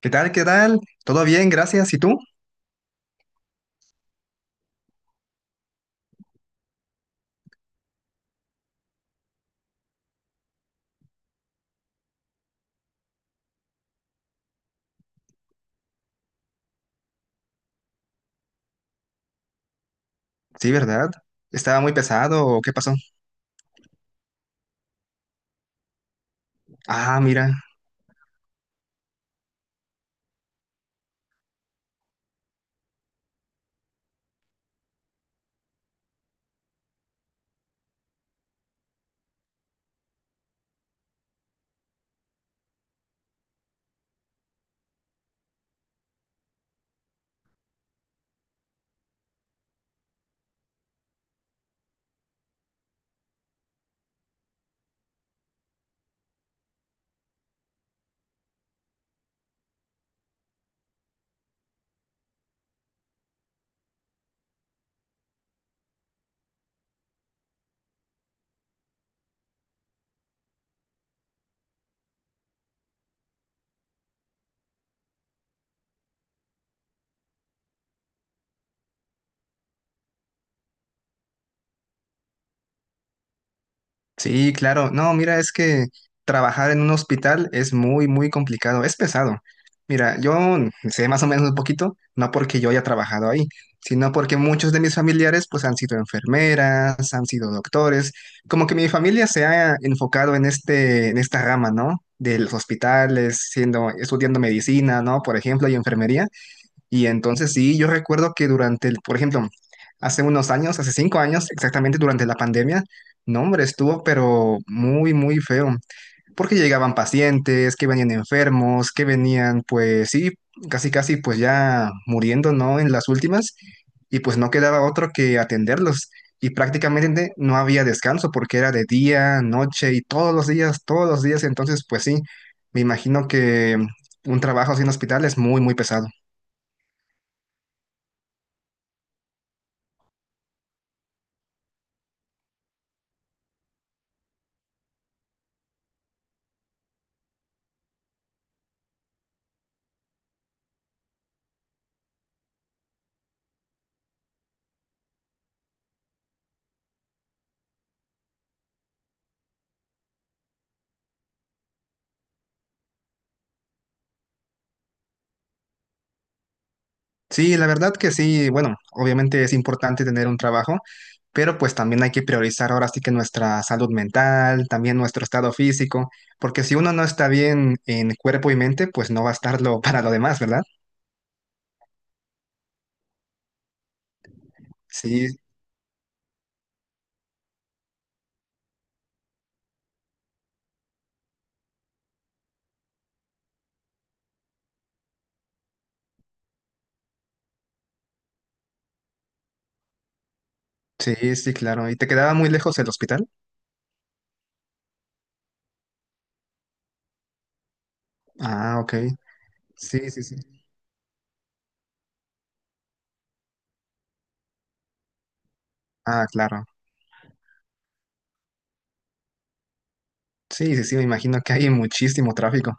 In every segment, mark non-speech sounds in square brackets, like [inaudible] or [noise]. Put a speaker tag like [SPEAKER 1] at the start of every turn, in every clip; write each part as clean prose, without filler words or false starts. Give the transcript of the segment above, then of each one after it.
[SPEAKER 1] ¿Qué tal? ¿Qué tal? ¿Todo bien? Gracias. ¿Y tú? Sí, ¿verdad? ¿Estaba muy pesado o qué pasó? Ah, mira. Sí, claro. No, mira, es que trabajar en un hospital es muy, muy complicado, es pesado. Mira, yo sé más o menos un poquito, no porque yo haya trabajado ahí, sino porque muchos de mis familiares pues han sido enfermeras, han sido doctores, como que mi familia se ha enfocado en este, en esta rama, ¿no? De los hospitales, siendo, estudiando medicina, ¿no? Por ejemplo, y enfermería. Y entonces sí, yo recuerdo que durante por ejemplo, hace unos años, hace 5 años, exactamente durante la pandemia, no, hombre, estuvo pero muy, muy feo, porque llegaban pacientes, que venían enfermos, que venían, pues sí, casi, casi, pues ya muriendo, ¿no? En las últimas, y pues no quedaba otro que atenderlos. Y prácticamente no había descanso porque era de día, noche y todos los días, todos los días. Entonces, pues sí, me imagino que un trabajo así en hospital es muy, muy pesado. Sí, la verdad que sí, bueno, obviamente es importante tener un trabajo, pero pues también hay que priorizar ahora sí que nuestra salud mental, también nuestro estado físico, porque si uno no está bien en cuerpo y mente, pues no va a estarlo [laughs] para lo demás, ¿verdad? Sí, sí, sí, claro. ¿Y te quedaba muy lejos el hospital? Ah, ok. Sí, sí, sí. Ah, claro. Sí, sí, sí, me imagino que hay muchísimo tráfico.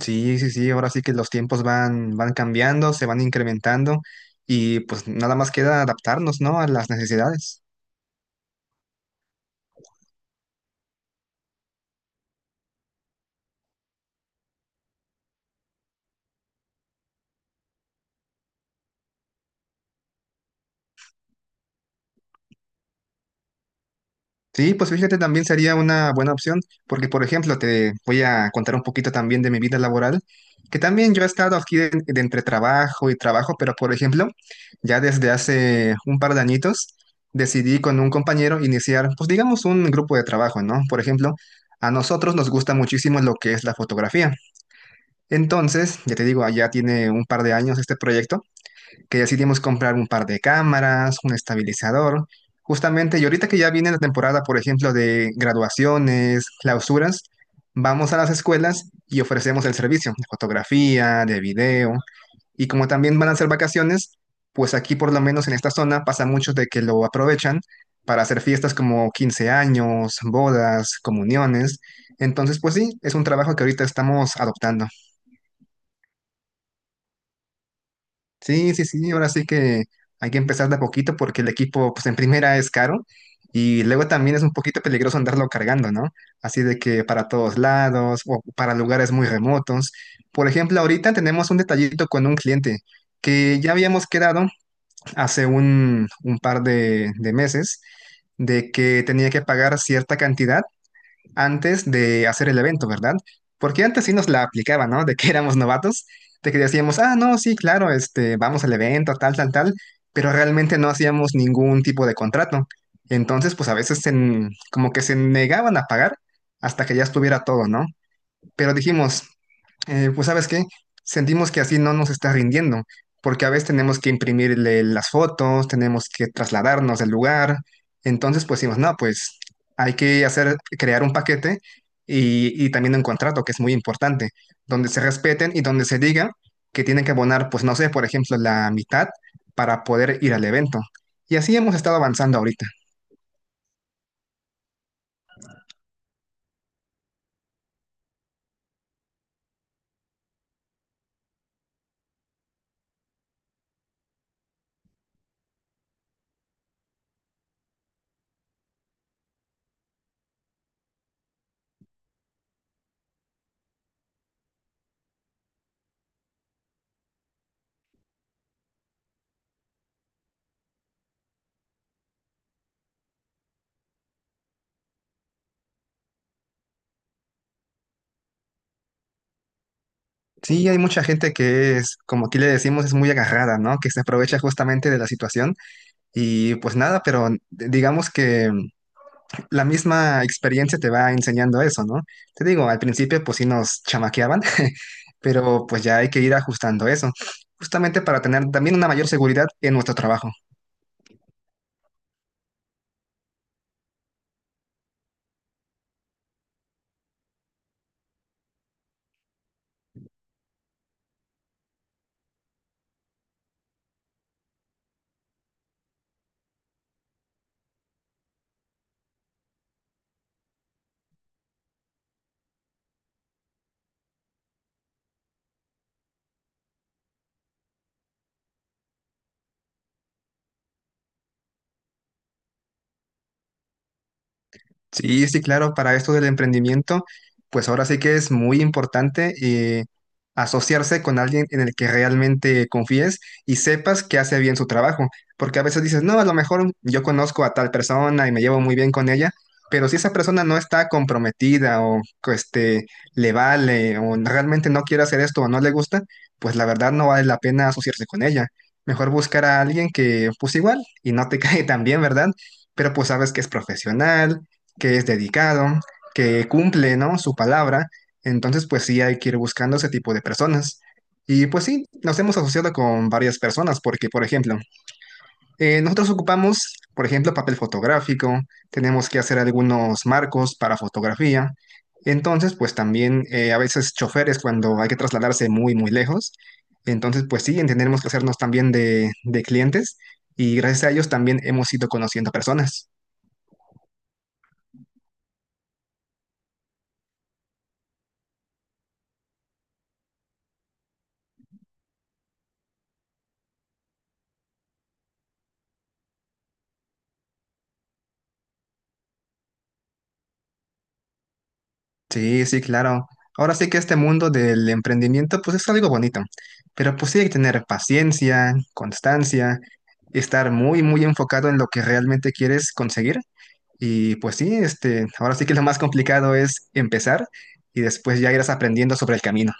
[SPEAKER 1] Sí, sí, sí, ahora sí que los tiempos van cambiando, se van incrementando y pues nada más queda adaptarnos, ¿no? A las necesidades. Sí, pues fíjate, también sería una buena opción, porque por ejemplo, te voy a contar un poquito también de mi vida laboral, que también yo he estado aquí de entre trabajo y trabajo, pero por ejemplo, ya desde hace un par de añitos decidí con un compañero iniciar, pues digamos, un grupo de trabajo, ¿no? Por ejemplo, a nosotros nos gusta muchísimo lo que es la fotografía. Entonces, ya te digo, ya tiene un par de años este proyecto, que decidimos comprar un par de cámaras, un estabilizador, justamente, y ahorita que ya viene la temporada, por ejemplo, de graduaciones, clausuras, vamos a las escuelas y ofrecemos el servicio de fotografía, de video, y como también van a ser vacaciones, pues aquí por lo menos en esta zona pasa mucho de que lo aprovechan para hacer fiestas como 15 años, bodas, comuniones. Entonces, pues sí, es un trabajo que ahorita estamos adoptando. Sí, sí, sí, ahora sí que hay que empezar de a poquito porque el equipo, pues en primera es caro y luego también es un poquito peligroso andarlo cargando, ¿no? Así de que para todos lados o para lugares muy remotos. Por ejemplo, ahorita tenemos un detallito con un cliente que ya habíamos quedado hace un par de meses de que tenía que pagar cierta cantidad antes de hacer el evento, ¿verdad? Porque antes sí nos la aplicaban, ¿no? De que [laughs] éramos novatos, de que decíamos, ah, no, sí, claro, este, vamos al evento, tal, tal, tal, pero realmente no hacíamos ningún tipo de contrato. Entonces, pues a veces como que se negaban a pagar hasta que ya estuviera todo, ¿no? Pero dijimos, pues sabes qué, sentimos que así no nos está rindiendo, porque a veces tenemos que imprimirle las fotos, tenemos que trasladarnos del lugar, entonces pues decimos, no, pues hay que hacer, crear un paquete y también un contrato, que es muy importante, donde se respeten y donde se diga que tienen que abonar, pues no sé, por ejemplo, la mitad para poder ir al evento. Y así hemos estado avanzando ahorita. Sí, hay mucha gente que es, como aquí le decimos, es muy agarrada, ¿no? Que se aprovecha justamente de la situación. Y pues nada, pero digamos que la misma experiencia te va enseñando eso, ¿no? Te digo, al principio pues sí nos chamaqueaban, [laughs] pero pues ya hay que ir ajustando eso, justamente para tener también una mayor seguridad en nuestro trabajo. Sí, sí, claro, para esto del emprendimiento, pues ahora sí que es muy importante eh, asociarse con alguien en el que realmente confíes y sepas que hace bien su trabajo, porque a veces dices, no, a lo mejor yo conozco a tal persona y me llevo muy bien con ella, pero si esa persona no está comprometida o que, este, le vale o realmente no quiere hacer esto o no le gusta, pues la verdad no vale la pena asociarse con ella. Mejor buscar a alguien que pues igual y no te [laughs] cae tan bien, ¿verdad? Pero pues sabes que es profesional, que es dedicado, que cumple, ¿no? Su palabra. Entonces, pues sí, hay que ir buscando ese tipo de personas. Y pues sí, nos hemos asociado con varias personas porque, por ejemplo, nosotros ocupamos, por ejemplo, papel fotográfico, tenemos que hacer algunos marcos para fotografía. Entonces, pues también a veces choferes cuando hay que trasladarse muy, muy lejos. Entonces, pues sí, tenemos que hacernos también de clientes y gracias a ellos también hemos ido conociendo personas. Sí, sí, claro. Ahora sí que este mundo del emprendimiento, pues es algo bonito, pero pues sí hay que tener paciencia, constancia, estar muy, muy enfocado en lo que realmente quieres conseguir. Y pues sí, este, ahora sí que lo más complicado es empezar y después ya irás aprendiendo sobre el camino.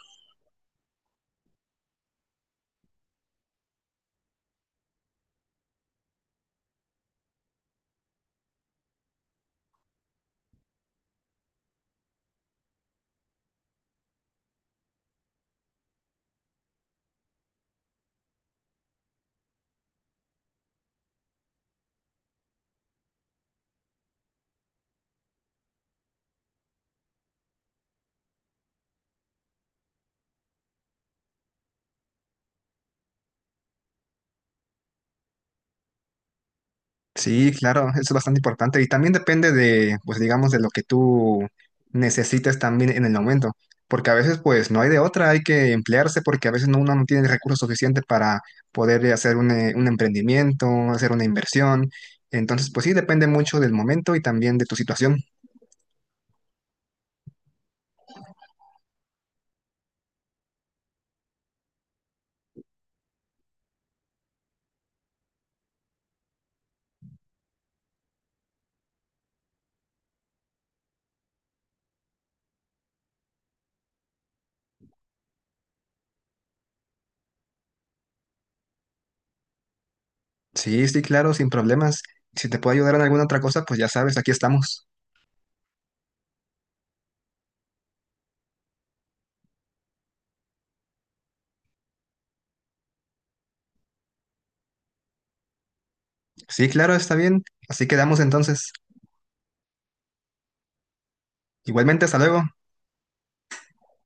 [SPEAKER 1] Sí, claro, eso es bastante importante y también depende de, pues digamos, de lo que tú necesites también en el momento, porque a veces pues no hay de otra, hay que emplearse porque a veces no- uno no tiene recursos suficientes para poder hacer un emprendimiento, hacer una inversión, entonces pues sí, depende mucho del momento y también de tu situación. Sí, sí, claro, sin problemas. Si te puedo ayudar en alguna otra cosa, pues ya sabes, aquí estamos. Sí, claro, está bien, así quedamos entonces. Igualmente, hasta luego.